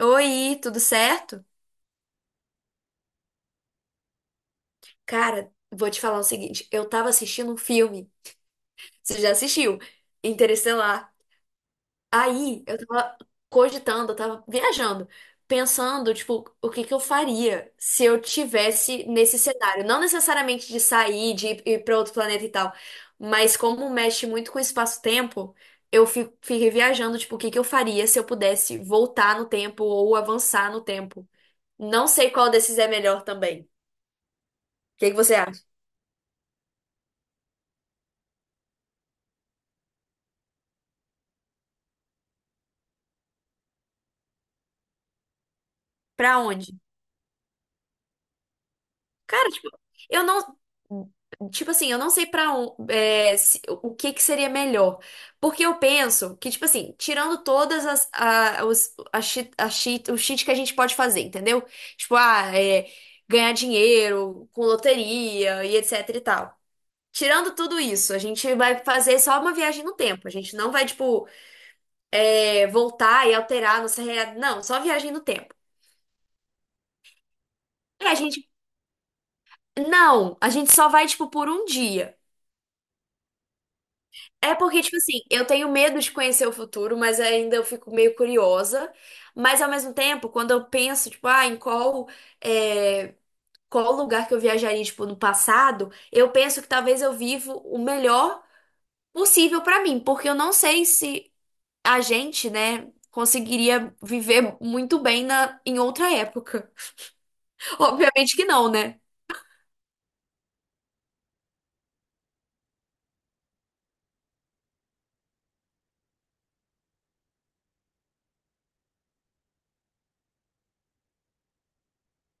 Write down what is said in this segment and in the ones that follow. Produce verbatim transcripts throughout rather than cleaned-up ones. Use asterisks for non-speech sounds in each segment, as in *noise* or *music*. Oi, tudo certo? Cara, vou te falar o seguinte, eu tava assistindo um filme, você já assistiu, Interestelar. Aí, eu tava cogitando, eu tava viajando, pensando, tipo, o que que eu faria se eu tivesse nesse cenário, não necessariamente de sair, de ir ir pra outro planeta e tal, mas como mexe muito com o espaço-tempo, eu fi- fiquei viajando, tipo, o que que eu faria se eu pudesse voltar no tempo ou avançar no tempo. Não sei qual desses é melhor também. O que que você acha? Pra onde? Cara, tipo, eu não. Tipo assim, eu não sei pra onde, é, o que que seria melhor. Porque eu penso que, tipo assim, tirando todas as, a, os, a cheat, a cheat- o cheat que a gente pode fazer, entendeu? Tipo, ah, é, ganhar dinheiro com loteria e etc e tal. Tirando tudo isso, a gente vai fazer só uma viagem no tempo. A gente não vai, tipo, é, voltar e alterar a nossa realidade. Não, só viagem no tempo. É, a gente. Não, a gente só vai, tipo, por um dia. É porque, tipo assim, eu tenho medo de conhecer o futuro, mas ainda eu fico meio curiosa. Mas ao mesmo tempo, quando eu penso, tipo, ah, em qual, é, qual lugar que eu viajaria, tipo, no passado, eu penso que talvez eu vivo o melhor possível pra mim, porque eu não sei se a gente, né, conseguiria viver muito bem na, em outra época. *laughs* Obviamente que não, né?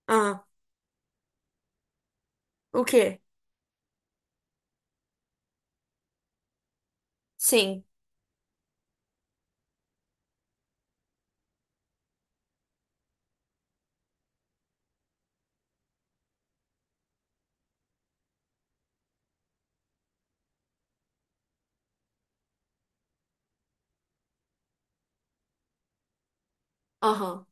Ah, o quê? Sim. Aham.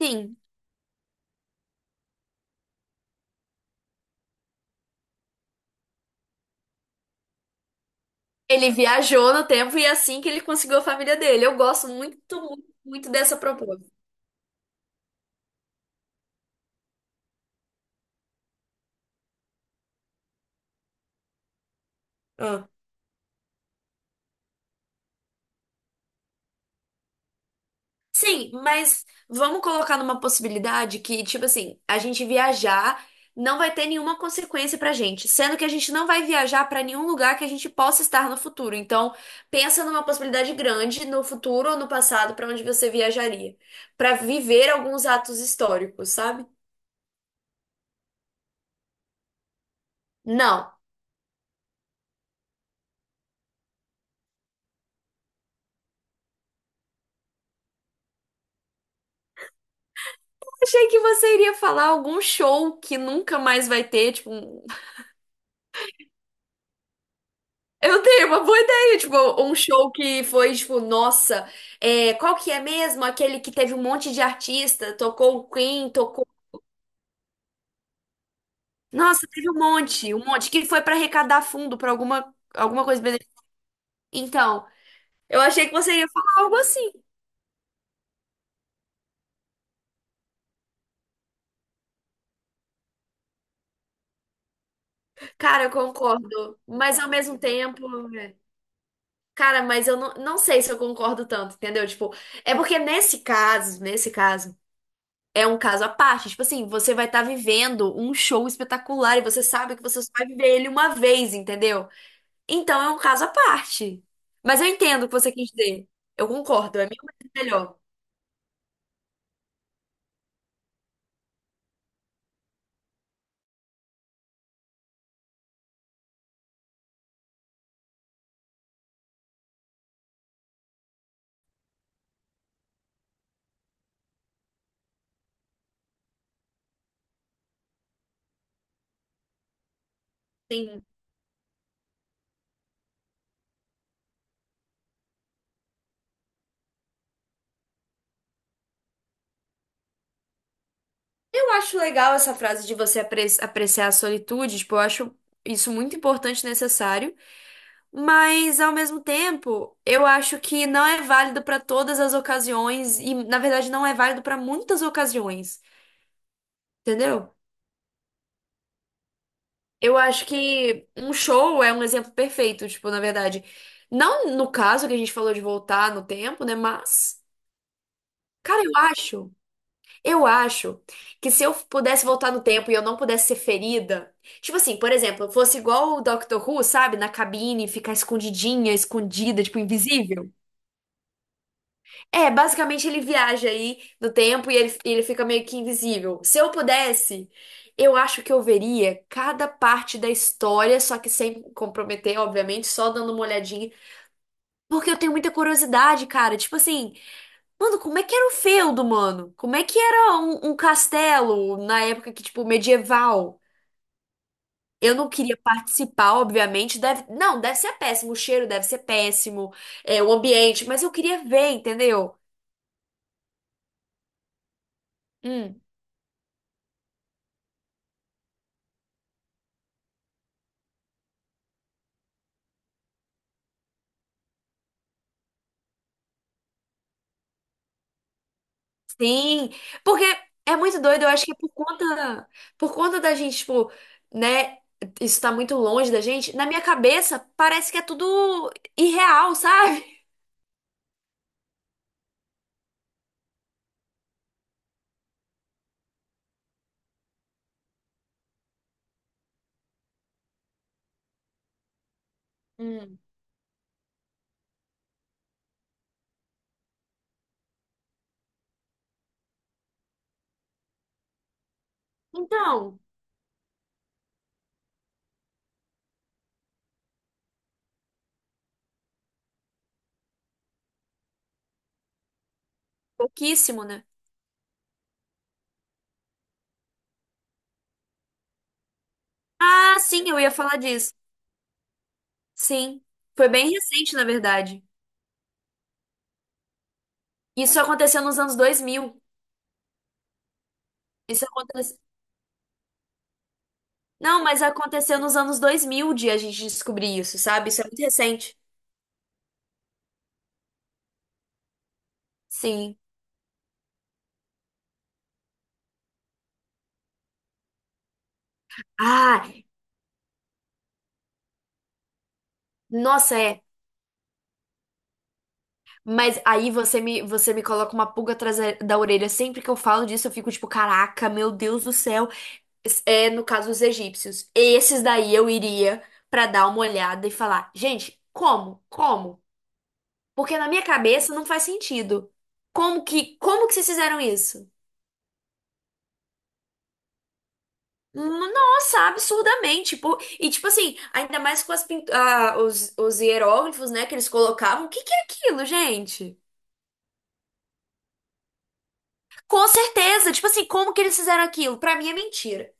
Sim. Ele viajou no tempo e é assim que ele conseguiu a família dele. Eu gosto muito, muito, muito dessa proposta. Ah, sim, mas vamos colocar numa possibilidade que, tipo assim, a gente viajar não vai ter nenhuma consequência pra gente, sendo que a gente não vai viajar pra nenhum lugar que a gente possa estar no futuro. Então, pensa numa possibilidade grande no futuro ou no passado pra onde você viajaria, pra viver alguns atos históricos, sabe? Não. Achei que você iria falar algum show que nunca mais vai ter, tipo. Um eu tenho uma boa ideia, tipo, um show que foi, tipo, nossa, é, qual que é mesmo? Aquele que teve um monte de artista, tocou o Queen, tocou. Nossa, teve um monte, um monte, que foi pra arrecadar fundo pra alguma, alguma coisa. Bene-, então, eu achei que você ia falar algo assim. Cara, eu concordo, mas ao mesmo tempo. é, Cara, mas eu não, não sei se eu concordo tanto, entendeu? Tipo, é porque nesse caso, nesse caso. É um caso à parte. Tipo assim, você vai estar vivendo um show espetacular e você sabe que você só vai viver ele uma vez, entendeu? Então é um caso à parte. Mas eu entendo o que você quis dizer. Eu concordo, é mil vezes melhor. Sim. Eu acho legal essa frase de você apre- apreciar a solitude, tipo, eu acho isso muito importante e necessário, mas ao mesmo tempo, eu acho que não é válido para todas as ocasiões e na verdade não é válido para muitas ocasiões, entendeu? Eu acho que um show é um exemplo perfeito, tipo, na verdade. Não no caso que a gente falou de voltar no tempo, né? Mas, cara, eu acho, eu acho que se eu pudesse voltar no tempo e eu não pudesse ser ferida, tipo assim, por exemplo, eu fosse igual o Doctor Who, sabe? Na cabine, ficar escondidinha, escondida, tipo, invisível. É, basicamente ele viaja aí no tempo e ele, ele fica meio que invisível. Se eu pudesse, eu acho que eu veria cada parte da história, só que sem comprometer, obviamente, só dando uma olhadinha. Porque eu tenho muita curiosidade, cara. Tipo assim, mano, como é que era o feudo, mano? Como é que era um, um castelo na época que, tipo, medieval? Eu não queria participar, obviamente. Deve, não, deve ser péssimo. O cheiro deve ser péssimo, é, o ambiente, mas eu queria ver, entendeu? Hum. Sim, porque é muito doido, eu acho que é por conta, por conta da gente, tipo, né, isso tá muito longe da gente, na minha cabeça parece que é tudo irreal, *laughs* sabe? Hum. Então, pouquíssimo, né? Ah, sim, eu ia falar disso. Sim, foi bem recente, na verdade. Isso aconteceu nos anos dois mil. Isso aconteceu... Não, mas aconteceu nos anos dois mil de a gente descobrir isso, sabe? Isso é muito recente. Sim. Ah, nossa, é. Mas aí você me, você me coloca uma pulga atrás da da orelha. Sempre que eu falo disso, eu fico tipo, caraca, meu Deus do céu. Es- É, no caso, os egípcios. Esses daí eu iria pra dar uma olhada e falar, gente, como? Como? Porque na minha cabeça não faz sentido. Como que, como que vocês fizeram isso? N- Nossa, absurdamente. Tipo, e tipo assim, ainda mais com as pint- ah, os, os hieróglifos, né, que eles colocavam. O que que é aquilo, gente? Com certeza, tipo assim, como que eles fizeram aquilo? Pra mim é mentira.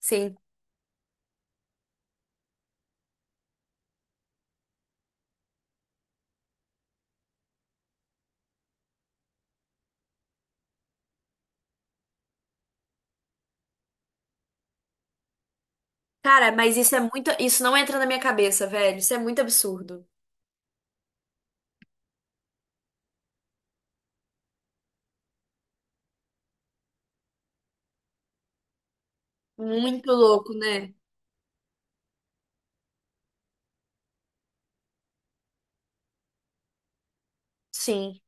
Sim. Cara, mas isso é muito. Isso não entra na minha cabeça, velho. Isso é muito absurdo. Muito louco, né? Sim.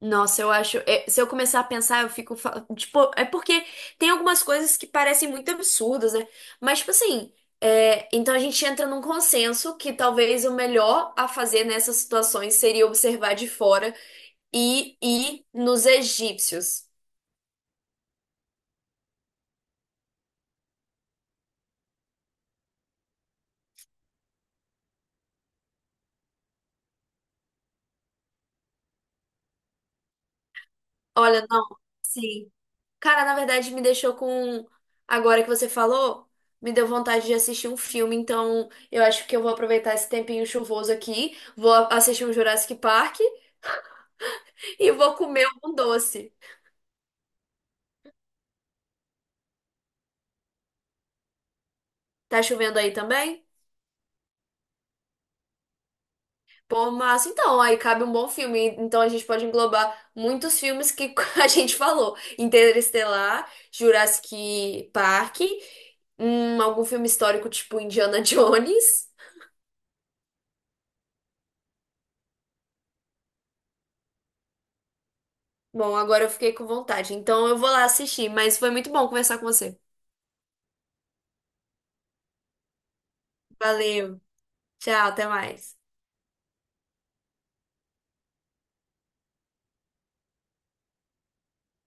Nossa, eu acho. é, se eu começar a pensar, eu fico. fa- Tipo, é porque tem algumas coisas que parecem muito absurdas, né? Mas, tipo assim. é, então a gente entra num consenso que talvez o melhor a fazer nessas situações seria observar de fora e ir nos egípcios. Olha, não. Sim. Cara, na verdade, me deixou com. Agora que você falou, me deu vontade de assistir um filme. Então, eu acho que eu vou aproveitar esse tempinho chuvoso aqui. Vou a- assistir um Jurassic Park e vou comer um doce. Tá chovendo aí também? Pô, massa. Então, aí cabe um bom filme. Então, a gente pode englobar muitos filmes que *laughs* a gente falou: Interestelar, Jurassic Park, hum, algum filme histórico tipo Indiana Jones. Bom, agora eu fiquei com vontade. Então eu vou lá assistir, mas foi muito bom conversar com você. Valeu. Tchau, até mais.